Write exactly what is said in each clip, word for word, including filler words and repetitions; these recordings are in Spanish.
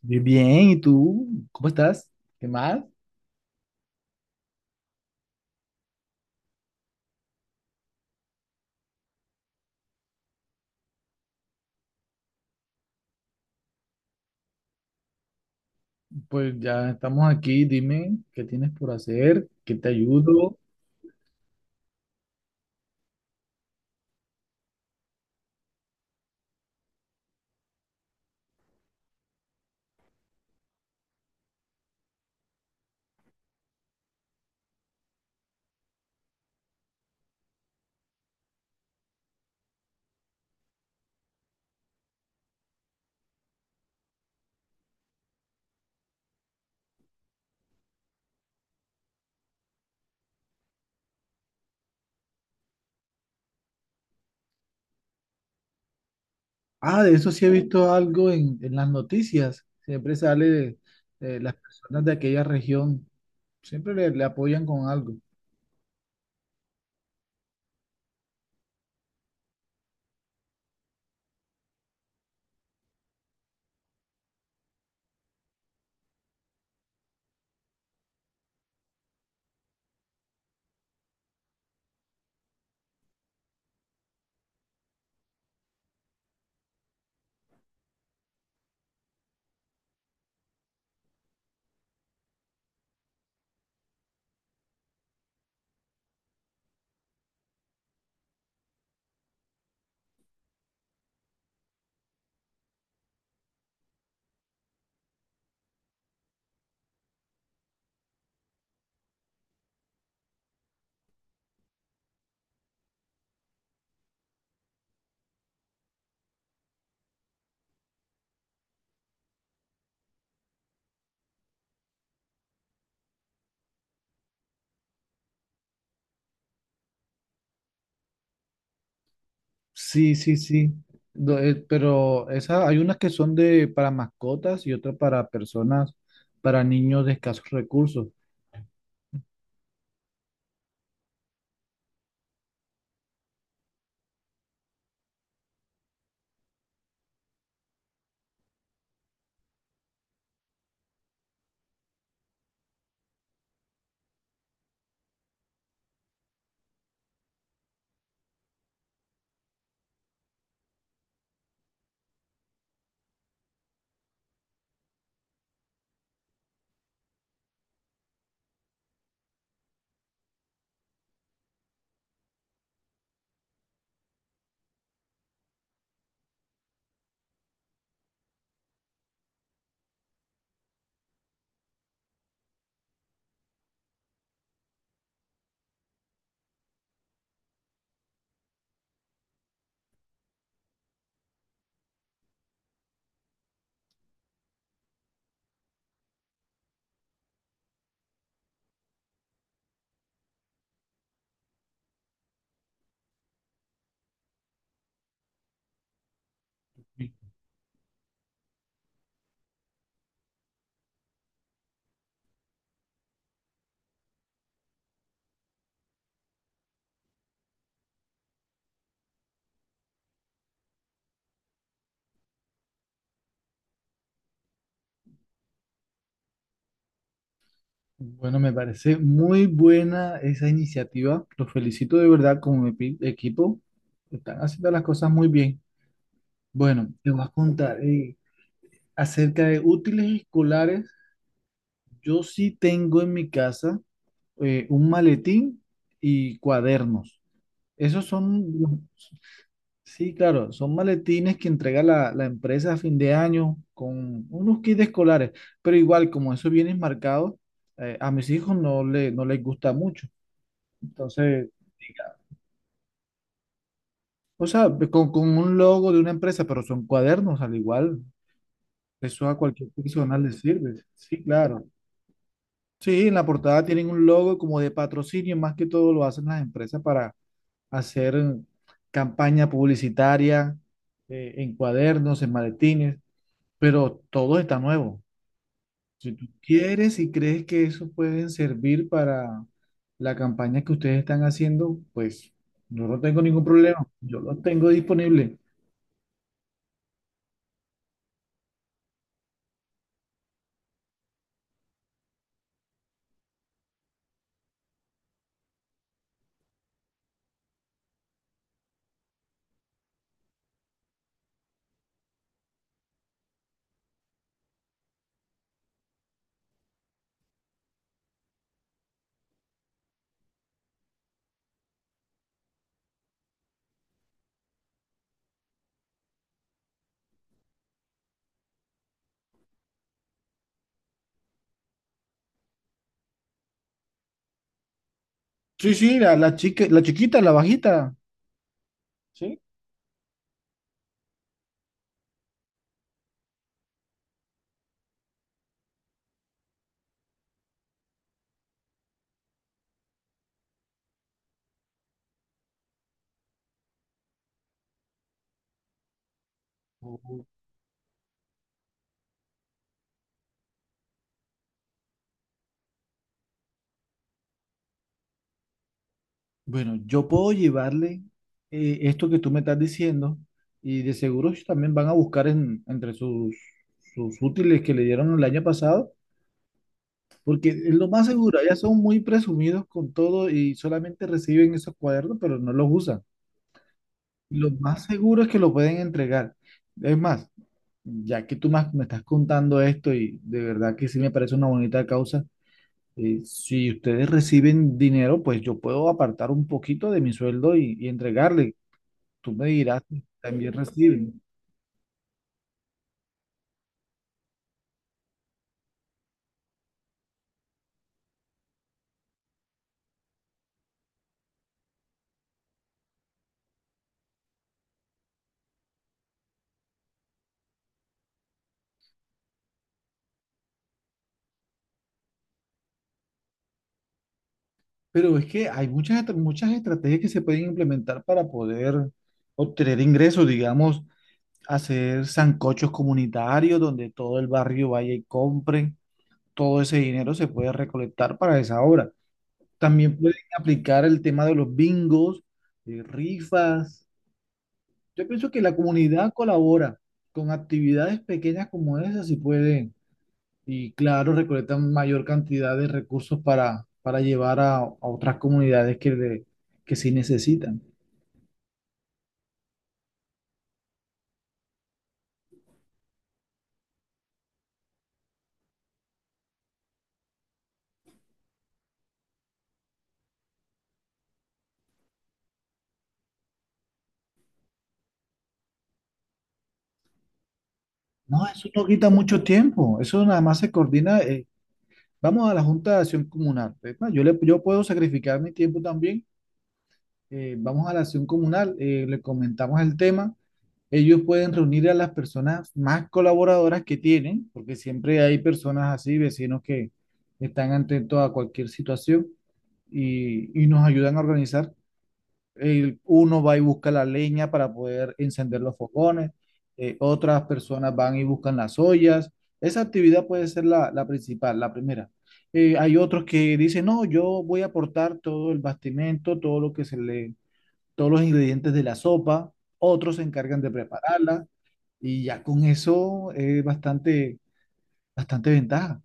Bien, bien, ¿y tú? ¿Cómo estás? ¿Qué más? Pues ya estamos aquí, dime qué tienes por hacer, qué te ayudo. Ah, de eso sí he visto algo en, en las noticias, siempre sale eh, las personas de aquella región, siempre le, le apoyan con algo. Sí, sí, sí. Do- eh, pero esas, hay unas que son de, para mascotas y otras para personas, para niños de escasos recursos. Bueno, me parece muy buena esa iniciativa. Los felicito de verdad como mi epi- equipo. Están haciendo las cosas muy bien. Bueno, te voy a contar eh, acerca de útiles escolares. Yo sí tengo en mi casa eh, un maletín y cuadernos. Esos son, los- sí, claro, son maletines que entrega la, la empresa a fin de año con unos kits escolares. Pero igual, como esos vienen marcados, eh, a mis hijos no le, no les gusta mucho. Entonces, o sea, con, con un logo de una empresa, pero son cuadernos al igual. Eso a cualquier profesional le sirve. Sí, claro. Sí, en la portada tienen un logo como de patrocinio, más que todo lo hacen las empresas para hacer campaña publicitaria, eh, en cuadernos, en maletines, pero todo está nuevo. Si tú quieres y crees que eso pueden servir para la campaña que ustedes están haciendo, pues yo no tengo ningún problema. Yo lo tengo disponible. Sí, sí, la, la chica, la chiquita, la bajita, ¿sí? Ujú. Bueno, yo puedo llevarle eh, esto que tú me estás diciendo y de seguro ellos también van a buscar en- entre sus, sus útiles que le dieron el año pasado, porque es lo más seguro, ya son muy presumidos con todo y solamente reciben esos cuadernos, pero no los usan. Lo más seguro es que lo pueden entregar. Es más, ya que tú más me estás contando esto y de verdad que sí me parece una bonita causa, eh, si ustedes reciben dinero, pues yo puedo apartar un poquito de mi sueldo y, y entregarle. Tú me dirás, si también reciben. Pero es que hay muchas, estra- muchas estrategias que se pueden implementar para poder obtener ingresos, digamos, hacer sancochos comunitarios donde todo el barrio vaya y compre. Todo ese dinero se puede recolectar para esa obra. También pueden aplicar el tema de los bingos, eh, rifas. Yo pienso que la comunidad colabora con actividades pequeñas como esas, si pueden, y claro, recolectan mayor cantidad de recursos para, para llevar a, a otras comunidades que, le- que sí necesitan. No, eso no quita mucho tiempo, eso nada más se coordina. eh, vamos a la Junta de Acción Comunal. Es más, yo, le, yo puedo sacrificar mi tiempo también. eh, vamos a la acción comunal, eh, le comentamos el tema. Ellos pueden reunir a las personas más colaboradoras que tienen, porque siempre hay personas así, vecinos que están atentos a cualquier situación y, y nos ayudan a organizar. El- uno va y busca la leña para poder encender los fogones, eh, otras personas van y buscan las ollas. Esa actividad puede ser la, la principal, la primera. Eh, hay otros que dicen, no, yo voy a aportar todo el bastimento, todo lo que se le, todos los ingredientes de la sopa, otros se encargan de prepararla y ya con eso es bastante, bastante ventaja.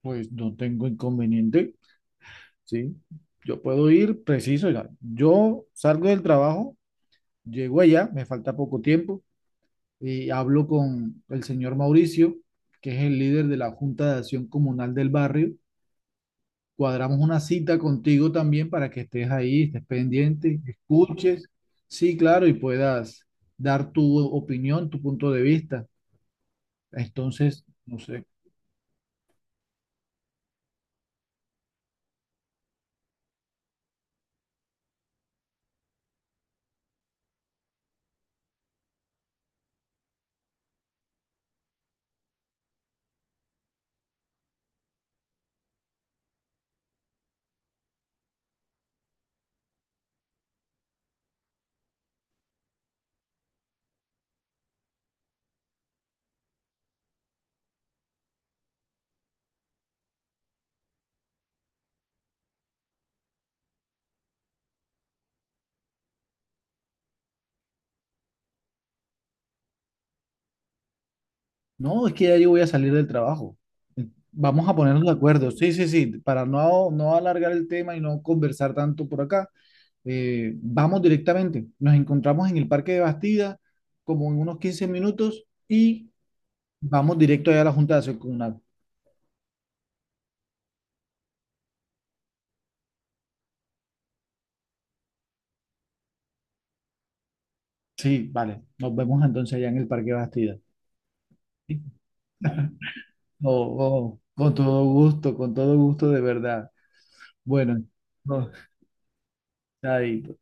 Pues no tengo inconveniente, ¿sí? Yo puedo ir preciso, ya. Yo salgo del trabajo, llego allá, me falta poco tiempo y hablo con el señor Mauricio, que es el líder de la Junta de Acción Comunal del barrio. Cuadramos una cita contigo también para que estés ahí, estés pendiente, escuches, sí, claro, y puedas dar tu opinión, tu punto de vista. Entonces, no sé. No, es que ya yo voy a salir del trabajo. Vamos a ponernos de acuerdo. Sí, sí, sí, para no, no alargar el tema y no conversar tanto por acá, eh, vamos directamente. Nos encontramos en el Parque de Bastida como en unos quince minutos y vamos directo allá a la Junta de Acción Comunal. Sí, vale. Nos vemos entonces allá en el Parque de Bastida. Oh, oh, con todo gusto, con todo gusto de verdad. Bueno, no, chaito.